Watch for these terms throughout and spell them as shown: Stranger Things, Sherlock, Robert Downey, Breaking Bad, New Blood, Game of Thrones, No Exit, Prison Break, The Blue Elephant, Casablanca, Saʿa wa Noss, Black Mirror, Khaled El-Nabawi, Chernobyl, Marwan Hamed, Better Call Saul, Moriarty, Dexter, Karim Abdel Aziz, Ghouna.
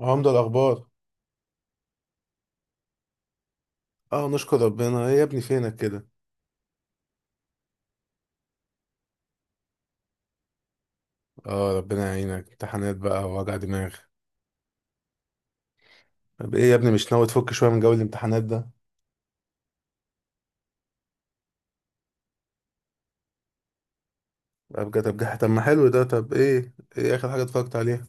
اه، عمدة الأخبار. اه، نشكر ربنا. ايه يا ابني، فينك كده؟ اه، ربنا يعينك، امتحانات بقى ووجع دماغ. طب ايه يا ابني، مش ناوي تفك شوية من جو الامتحانات ده؟ طب، ما حلو ده. طب ايه آخر حاجة اتفرجت عليها؟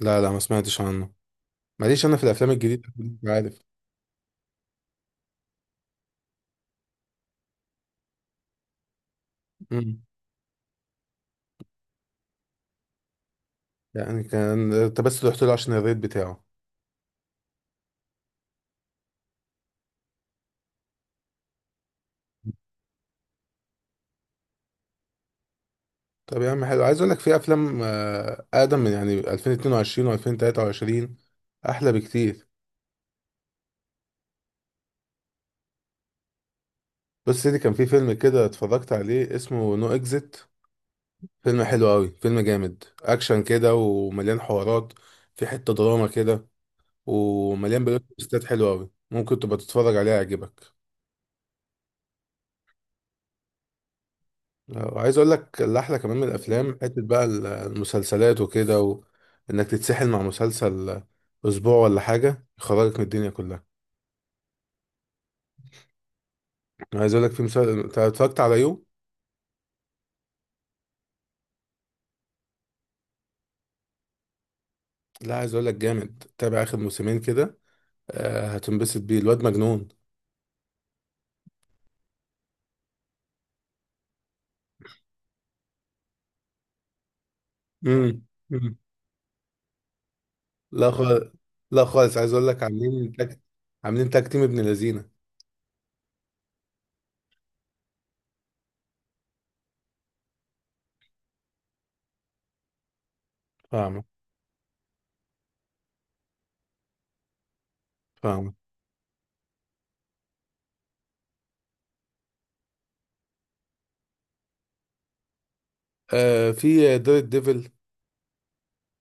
لا، لا، ما سمعتش عنه. ماليش أنا في الأفلام الجديدة، مش عارف. امم. يعني كان انت بس رحت له عشان الريت بتاعه؟ طب يا عم حلو، عايز أقول لك في أفلام أقدم من يعني 2022 و2023، أحلى بكتير. بص سيدي، كان في فيلم كده اتفرجت عليه، اسمه نو اكزيت. فيلم حلو قوي، فيلم جامد اكشن كده ومليان حوارات. في حتة دراما كده. ومليان بلوت تويستات حلوة قوي، ممكن تبقى تتفرج عليها، يعجبك. وعايز اقول لك اللي احلى كمان من الافلام حتة بقى المسلسلات وكده، وانك تتسحل مع مسلسل اسبوع ولا حاجة، يخرجك من الدنيا كلها. عايز اقول لك في مسلسل، أنت اتفرجت على يو؟ لا، عايز اقول لك جامد، تابع اخر موسمين كده. هتنبسط بيه، الواد مجنون. امم. لا خالص. لا خالص، عايز اقول لك عاملين تاك. عاملين تاك، تيم ابن لذينه. فاهمه. فاهمه. آه، في دار الديفل.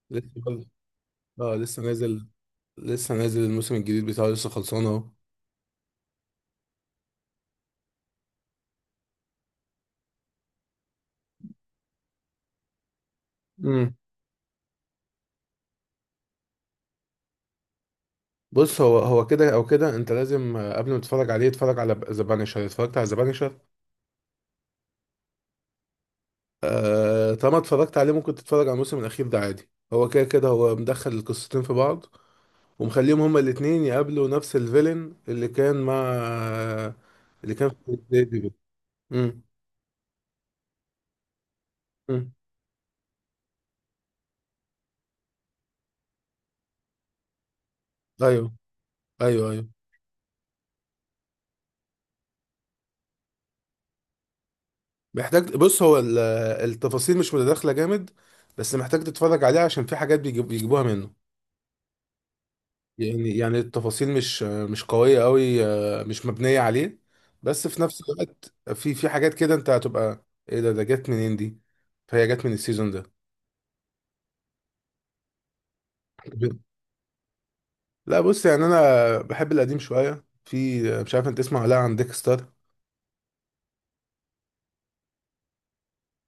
لسه برضه- اه، لسه نازل. لسه نازل الموسم الجديد بتاعه، لسه خلصان اهو. امم. بص، هو كده او كده انت لازم قبل ما تتفرج عليه اتفرج على ذا بانشر. اتفرجت على ذا بانشر؟ آه، طالما اتفرجت عليه ممكن تتفرج على الموسم الأخير ده عادي، هو كده كده هو مدخل القصتين في بعض. ومخليهم هما الاتنين يقابلوا نفس الفيلن اللي كان مع اللي كان في ديفيد. امم. امم. ايوه، ايوه، ايوه، محتاج. بص، هو التفاصيل مش متداخلة جامد. بس محتاج تتفرج عليه عشان في حاجات بيجيبوها منه. يعني التفاصيل مش قوية قوي، مش مبنية عليه. بس في نفس الوقت في حاجات كده، انت هتبقى ايه، ده جت منين دي؟ فهي جت من السيزون ده. لا بص، يعني انا بحب القديم شوية، في مش عارف انت تسمع ولا لا عن ديكستر.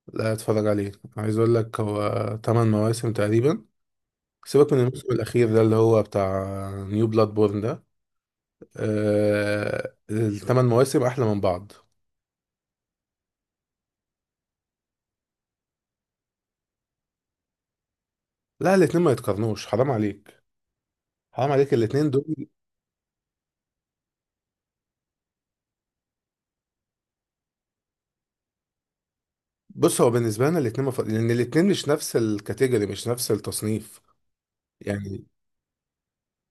لا، اتفرج عليه. عايز اقول لك، هو 8 مواسم تقريبا. سيبك من الموسم الاخير ده اللي هو بتاع نيو بلاد بورن ده. آه، الثمان مواسم احلى من بعض. لا، الاتنين ما يتقارنوش، حرام عليك. حرام عليك، الاتنين دول. بص، هو بالنسبه لنا الاثنين لان الاثنين مش نفس الكاتيجوري، مش نفس التصنيف. يعني.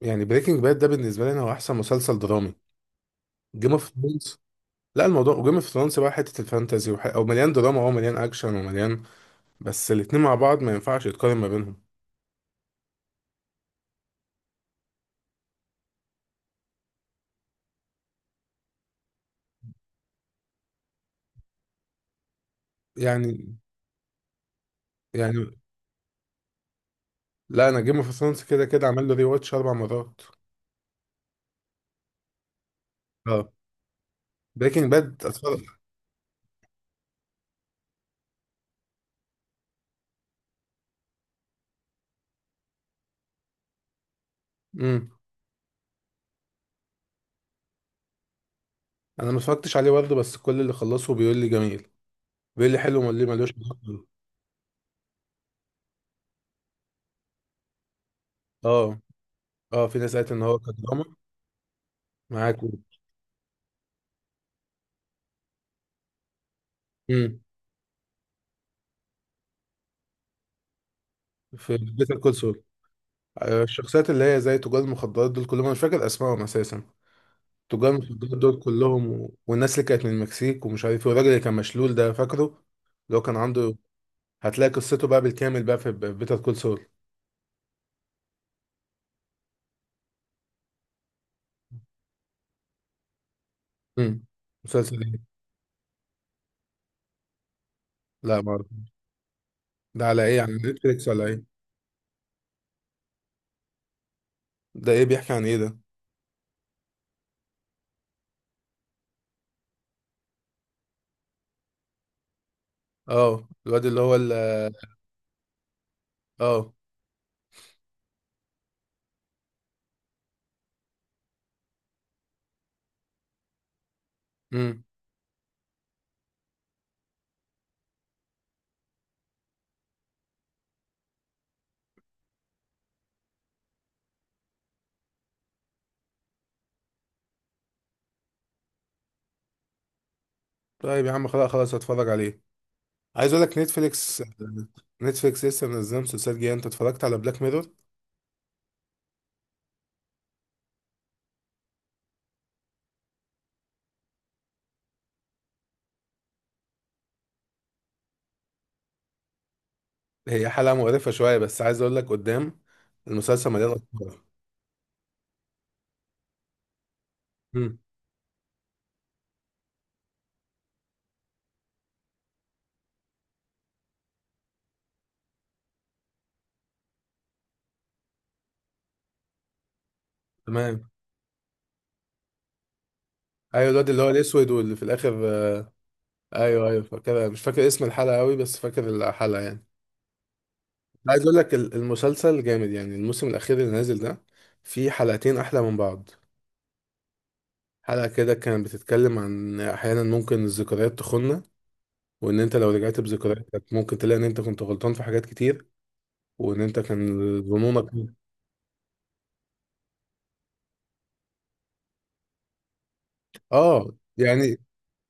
يعني بريكنج باد ده بالنسبه لنا هو احسن مسلسل درامي. جيم اوف ثرونز. لا، الموضوع جيم اوف ثرونز بقى حته الفانتازي او مليان دراما او مليان اكشن ومليان. بس الاثنين مع بعض ما ينفعش يتقارن ما بينهم. يعني. يعني لا، انا جيم اوف ثرونز كده كده عمل له ري واتش اربع مرات. اه. بريكنج باد اتفرج. امم. انا ما اتفرجتش عليه برضه، بس كل اللي خلصه بيقول لي جميل. بيقول لي حلو، وما ليه ملوش علاقة. اه، اه، في ناس قالت ان هو كدراما. معاك. امم. في بيتر كول سول. الشخصيات اللي هي زي تجار المخدرات دول كلهم، انا مش فاكر اسمائهم اساسا. تجار المخدرات دول كلهم والناس اللي كانت من المكسيك، ومش عارف ايه، والراجل اللي كان مشلول ده فاكره؟ اللي هو كان عنده. هتلاقي قصته بقى بالكامل بقى في بيتر كول سول. امم. مسلسل ايه؟ لا، ما أعرف. ده على ايه، على نتفليكس ولا ايه؟ ده ايه بيحكي عن ايه ده؟ اه، الواد اللي هو اه. امم. طيب يا عم، خلاص، خلاص، هتفرج عليه. عايز اقول لك نتفليكس. نتفليكس لسه منزلهم مسلسلات جديده، انت اتفرجت على بلاك ميرور؟ هي حلقة مقرفة شوية، بس عايز أقول لك قدام المسلسل مليان أفكار. مم. تمام. أيوة، الواد اللي هو الأسود واللي في الآخر أيوة، أيوة، فاكرها، مش فاكر اسم الحلقة أوي بس فاكر الحلقة يعني. عايز أقول لك المسلسل جامد، يعني الموسم الأخير اللي نازل ده فيه حلقتين أحلى من بعض. حلقة كده كانت بتتكلم عن أحيانا ممكن الذكريات تخوننا. وإن أنت لو رجعت بذكريات كانت، ممكن تلاقي إن أنت كنت غلطان في حاجات كتير. وإن أنت كان ظنونك. آه، يعني.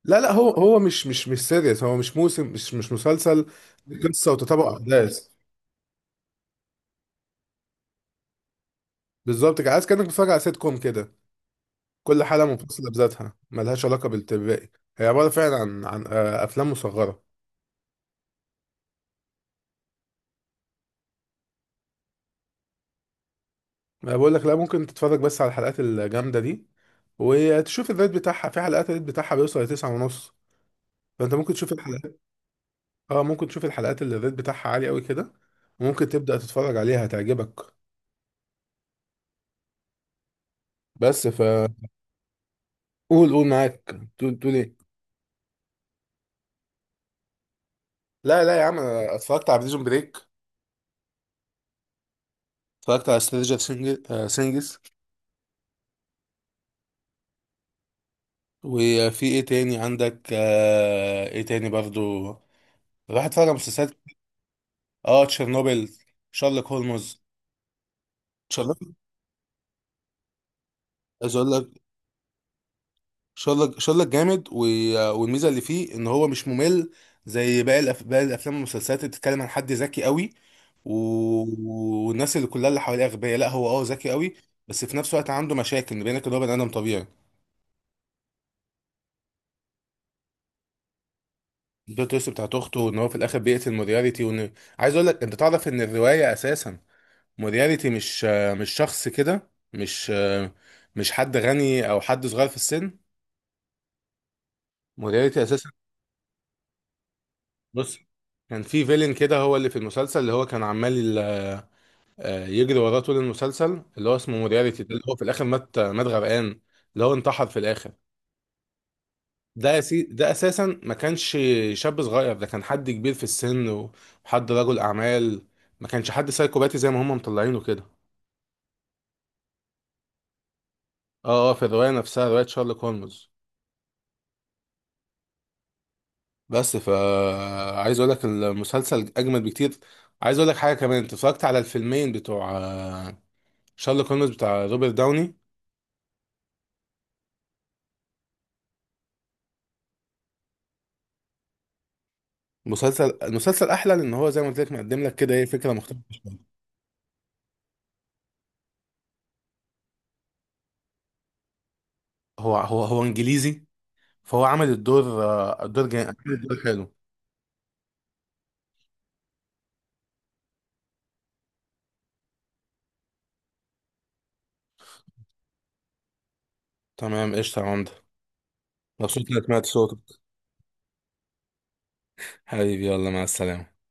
لا، لا، هو مش سيريس، هو مش موسم، مش مسلسل. دي قصه وتتابع احداث. بالظبط كده، عايز كانك بتتفرج على سيت كوم كده. كل حلقه منفصله بذاتها، ملهاش علاقه بالباقي. هي عباره فعلا عن افلام مصغره. أنا بقول لك لا، ممكن تتفرج بس على الحلقات الجامده دي وتشوف الريت بتاعها، في حلقات الريت بتاعها بيوصل لتسعة ونص. فانت ممكن تشوف الحلقات. اه، ممكن تشوف الحلقات اللي الريت بتاعها عالي قوي كده، وممكن تبدا تتفرج عليها، هتعجبك. بس فقول. قول، قول، معاك. تقول إيه؟ لا، لا، يا عم، انا اتفرجت على بريزون بريك. اتفرجت على سترينجر سينجز. وفي ايه تاني عندك ايه تاني برضو، راح اتفرج على مسلسلات. اه، تشيرنوبل. شارلوك هولمز. شارلوك. عايز اقول لك شارلوك، شارلوك جامد والميزه اللي فيه ان هو مش ممل زي باقي باقي الافلام والمسلسلات اللي بتتكلم عن حد ذكي قوي و... والناس اللي كلها اللي حواليه اغبياء، لا هو اه ذكي قوي. بس في نفس الوقت عنده مشاكل، بينك ان هو بني ادم طبيعي. البلوت تويست بتاعت اخته، وان هو في الاخر بيقتل مورياليتي، وان عايز اقول لك، انت تعرف ان الروايه اساسا مورياليتي مش مش شخص كده، مش حد غني او حد صغير في السن. مورياليتي اساسا بص، كان في فيلن كده هو اللي في المسلسل اللي هو كان عمال يجري وراه طول المسلسل اللي هو اسمه مورياليتي ده، اللي هو في الاخر مات مات غرقان. اللي هو انتحر في الاخر. ده اساسا ما كانش شاب صغير، ده كان حد كبير في السن وحد رجل اعمال، ما كانش حد سايكوباتي زي ما هم مطلعينه كده. اه، اه، في الروايه نفسها، روايه شارلوك هولمز. بس ف عايز اقول لك المسلسل اجمد بكتير. عايز اقول لك حاجه كمان، انت اتفرجت على الفيلمين بتوع شارلوك هولمز بتاع روبرت داوني؟ المسلسل احلى لان هو زي ما قلت لك مقدم لك كده ايه، فكره مختلفه. هو انجليزي. فهو عمل الدور الدور جامد، عمل الدور حلو. تمام، قشطه يا عمده. مبسوط انك سمعت صوتك. حبيبي، يلا، مع السلامة.